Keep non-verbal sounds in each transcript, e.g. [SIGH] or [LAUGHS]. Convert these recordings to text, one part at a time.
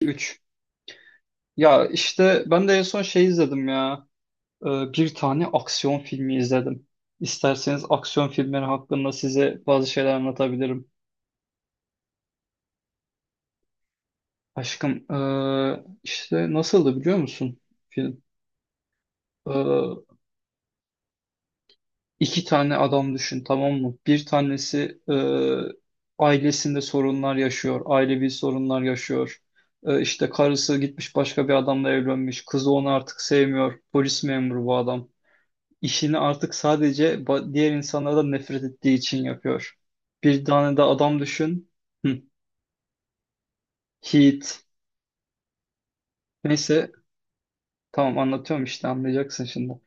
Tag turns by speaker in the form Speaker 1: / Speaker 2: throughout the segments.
Speaker 1: 3. Ya işte ben de en son şey izledim ya. Bir tane aksiyon filmi izledim. İsterseniz aksiyon filmleri hakkında size bazı şeyler anlatabilirim. Aşkım işte nasıldı biliyor musun film? Ee, iki tane adam düşün, tamam mı? Bir tanesi ailesinde sorunlar yaşıyor. Ailevi sorunlar yaşıyor. İşte karısı gitmiş, başka bir adamla evlenmiş. Kızı onu artık sevmiyor. Polis memuru bu adam. İşini artık sadece diğer insanlardan nefret ettiği için yapıyor. Bir tane de adam düşün. Hı. Heat. Neyse, tamam, anlatıyorum işte, anlayacaksın şimdi.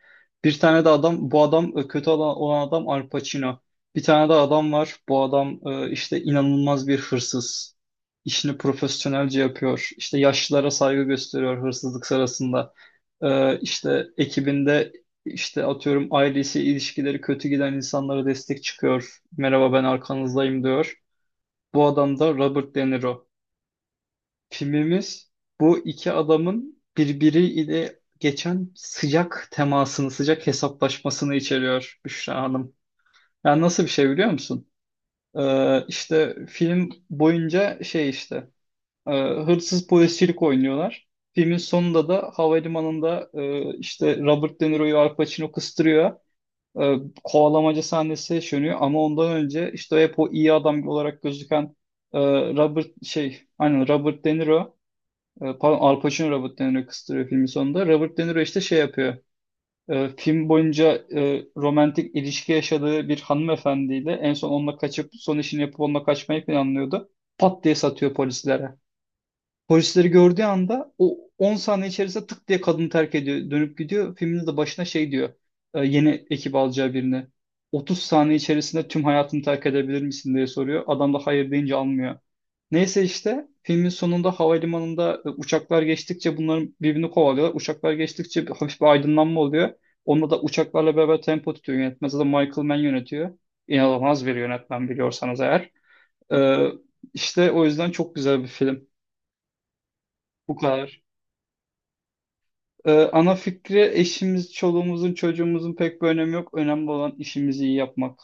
Speaker 1: Bir tane de adam, bu adam kötü olan adam, Al Pacino. Bir tane de adam var, bu adam işte inanılmaz bir hırsız. İşini profesyonelce yapıyor. İşte yaşlılara saygı gösteriyor hırsızlık sırasında. İşte ekibinde, işte atıyorum, ailesi, ilişkileri kötü giden insanlara destek çıkıyor. Merhaba, ben arkanızdayım diyor. Bu adam da Robert De Niro. Filmimiz bu iki adamın birbiriyle geçen sıcak temasını, sıcak hesaplaşmasını içeriyor Büşra Hanım. Yani nasıl bir şey biliyor musun? İşte film boyunca şey işte hırsız polisçilik oynuyorlar. Filmin sonunda da havalimanında işte Robert De Niro'yu Al Pacino kıstırıyor. E, Kovalamaca sahnesi yaşanıyor ama ondan önce işte hep o iyi adam olarak gözüken e, Robert şey, aynen, Robert De Niro pardon, Al Pacino Robert De Niro'yu kıstırıyor filmin sonunda. Robert De Niro işte şey yapıyor. Film boyunca romantik ilişki yaşadığı bir hanımefendiyle en son onunla kaçıp, son işini yapıp onunla kaçmayı planlıyordu. Pat diye satıyor polislere. Polisleri gördüğü anda o 10 saniye içerisinde tık diye kadını terk ediyor. Dönüp gidiyor. Filmin de başına şey diyor. Yeni ekip alacağı birini. 30 saniye içerisinde tüm hayatını terk edebilir misin diye soruyor. Adam da hayır deyince almıyor. Neyse, işte filmin sonunda havalimanında uçaklar geçtikçe bunların birbirini kovalıyorlar. Uçaklar geçtikçe bir, hafif bir aydınlanma oluyor. Onunla da uçaklarla beraber tempo tutuyor yönetmen. Zaten Michael Mann yönetiyor. İnanılmaz bir yönetmen, biliyorsanız eğer. Ee, işte o yüzden çok güzel bir film. Bu kadar. Ana fikri, eşimiz, çoluğumuzun, çocuğumuzun pek bir önemi yok. Önemli olan işimizi iyi yapmak.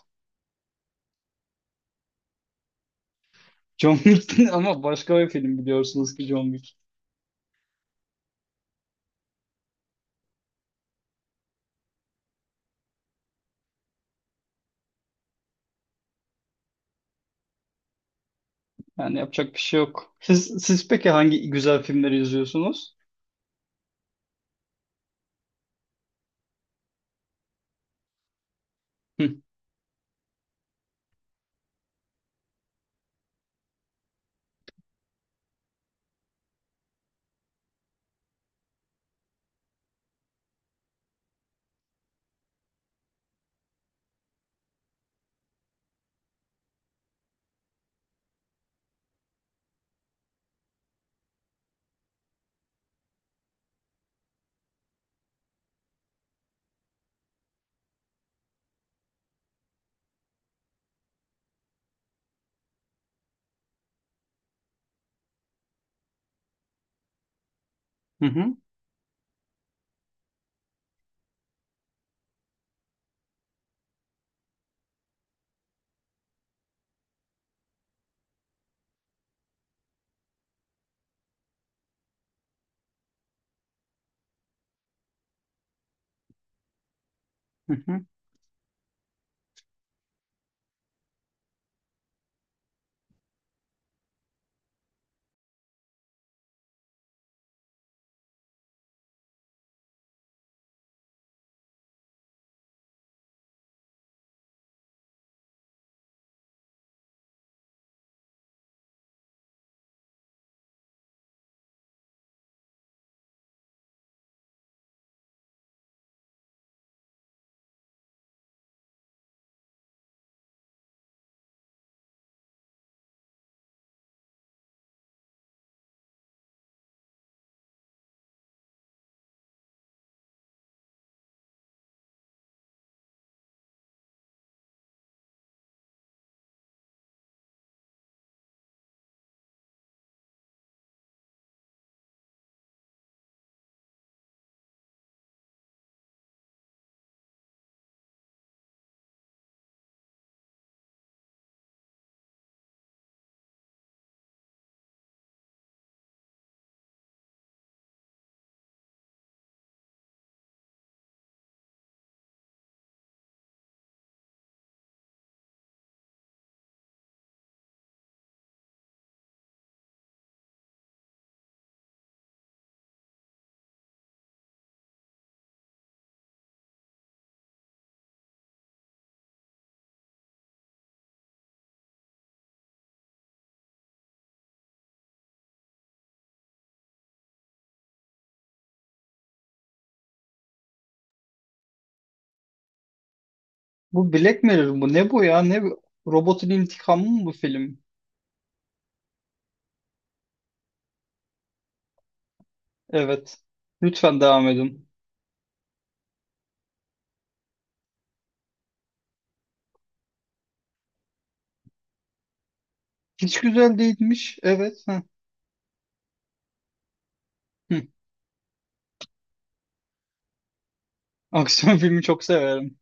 Speaker 1: John Wick [LAUGHS] ama başka bir film biliyorsunuz ki John Wick. Yani yapacak bir şey yok. Siz peki hangi güzel filmleri izliyorsunuz? Hı. Hı hı, hı hı. Bu Black Mirror bu, ne bu ya? Ne bu? Robotun intikamı mı bu film? Evet. Lütfen devam edin. Hiç güzel değilmiş. Evet. Hı. Hı. Aksiyon [LAUGHS] filmi çok severim.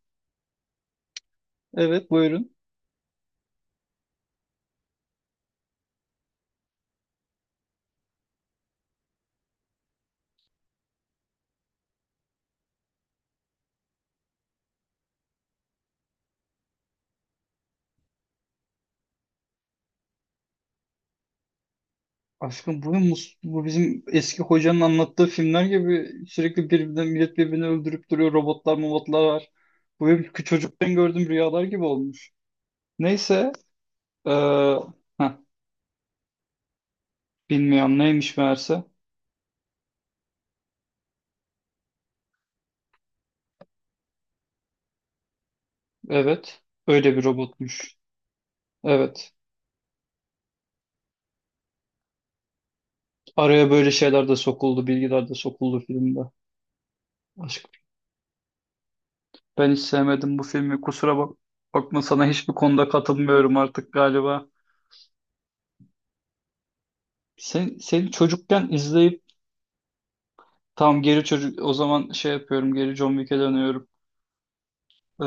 Speaker 1: Evet, buyurun. Aşkım bu, bu bizim eski hocanın anlattığı filmler gibi sürekli birbirinden millet birbirini öldürüp duruyor. Robotlar, mobotlar var. Bu benim çocukken gördüğüm rüyalar gibi olmuş. Neyse. Ee, Heh, bilmiyorum neymiş meğerse. Evet. Öyle bir robotmuş. Evet. Araya böyle şeyler de sokuldu, bilgiler de sokuldu filmde. Aşk Ben hiç sevmedim bu filmi. Kusura bak Bakma, sana hiçbir konuda katılmıyorum artık galiba. Sen, seni çocukken izleyip tam geri çocuk o zaman şey yapıyorum, geri John Wick'e dönüyorum. Ee,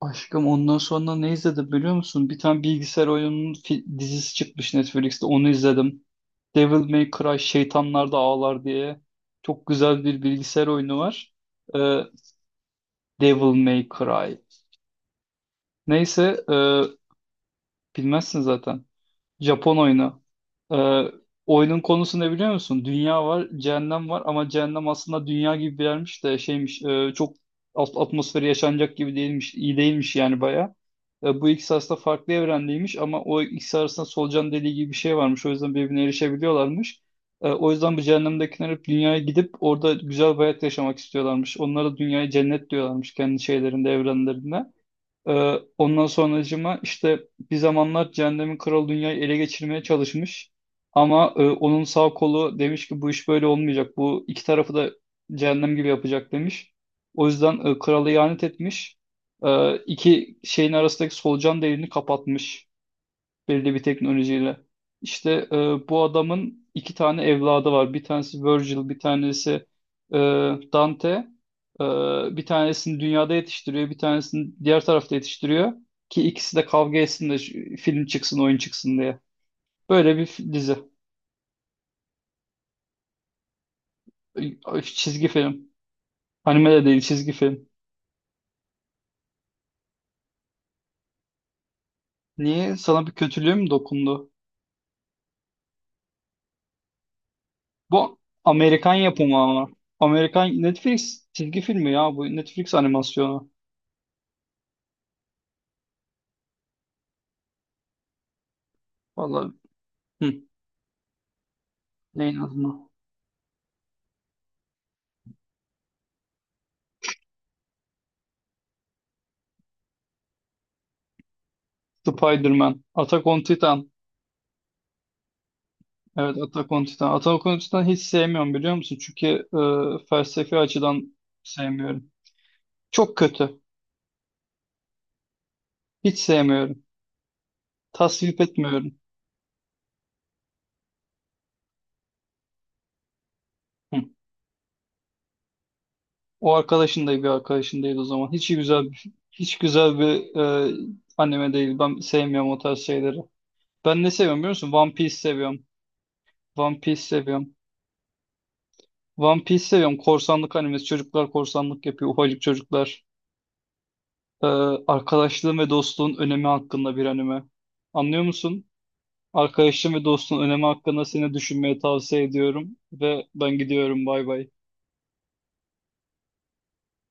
Speaker 1: Aşkım, ondan sonra ne izledim biliyor musun? Bir tane bilgisayar oyununun dizisi çıkmış Netflix'te, onu izledim. Devil May Cry, Şeytanlar da Ağlar diye. Çok güzel bir bilgisayar oyunu var. Ee, Devil May Cry. Neyse. Bilmezsin zaten. Japon oyunu. Ee, Oyunun konusu ne biliyor musun? Dünya var, cehennem var ama cehennem aslında dünya gibi bir yermiş de şeymiş, çok alt atmosferi yaşanacak gibi değilmiş, iyi değilmiş yani baya. Bu ikisi aslında farklı evrendeymiş ama o ikisi arasında solucan deliği gibi bir şey varmış. O yüzden birbirine erişebiliyorlarmış. O yüzden bu cehennemdekiler hep dünyaya gidip orada güzel bir hayat yaşamak istiyorlarmış. Onlara dünyayı cennet diyorlarmış kendi şeylerinde, evrenlerinde. Ondan sonracığıma işte bir zamanlar Cehennemin Kralı dünyayı ele geçirmeye çalışmış. Ama onun sağ kolu demiş ki bu iş böyle olmayacak. Bu iki tarafı da cehennem gibi yapacak demiş. O yüzden kralı ihanet etmiş. İki şeyin arasındaki solucan deliğini kapatmış belirli bir teknolojiyle. İşte bu adamın iki tane evladı var. Bir tanesi Virgil, bir tanesi e, Dante. E, Bir tanesini dünyada yetiştiriyor, bir tanesini diğer tarafta yetiştiriyor. Ki ikisi de kavga etsin de film çıksın, oyun çıksın diye. Böyle bir dizi. Çizgi film. Anime de değil, çizgi film. Niye? Sana bir kötülüğüm dokundu. Bu Amerikan yapımı ama. Amerikan Netflix çizgi filmi ya bu. Netflix animasyonu. Vallahi. Hı. Neyin adı? Spider-Man, Attack on Titan. Evet, Attack on Titan. Attack on Titan hiç sevmiyorum biliyor musun? Çünkü felsefi açıdan sevmiyorum. Çok kötü. Hiç sevmiyorum. Tasvip etmiyorum. Hı. O arkadaşın da bir arkadaşın değil o zaman. Hiç güzel bir, hiç güzel bir e, anime değil. Ben sevmiyorum o tarz şeyleri. Ben ne seviyorum biliyor musun? One Piece seviyorum. One Piece seviyorum. One Piece seviyorum. Korsanlık animesi. Çocuklar korsanlık yapıyor. Ufacık çocuklar. Ee, Arkadaşlığın ve dostluğun önemi hakkında bir anime. Anlıyor musun? Arkadaşlığın ve dostluğun önemi hakkında seni düşünmeye tavsiye ediyorum ve ben gidiyorum. Bay bay.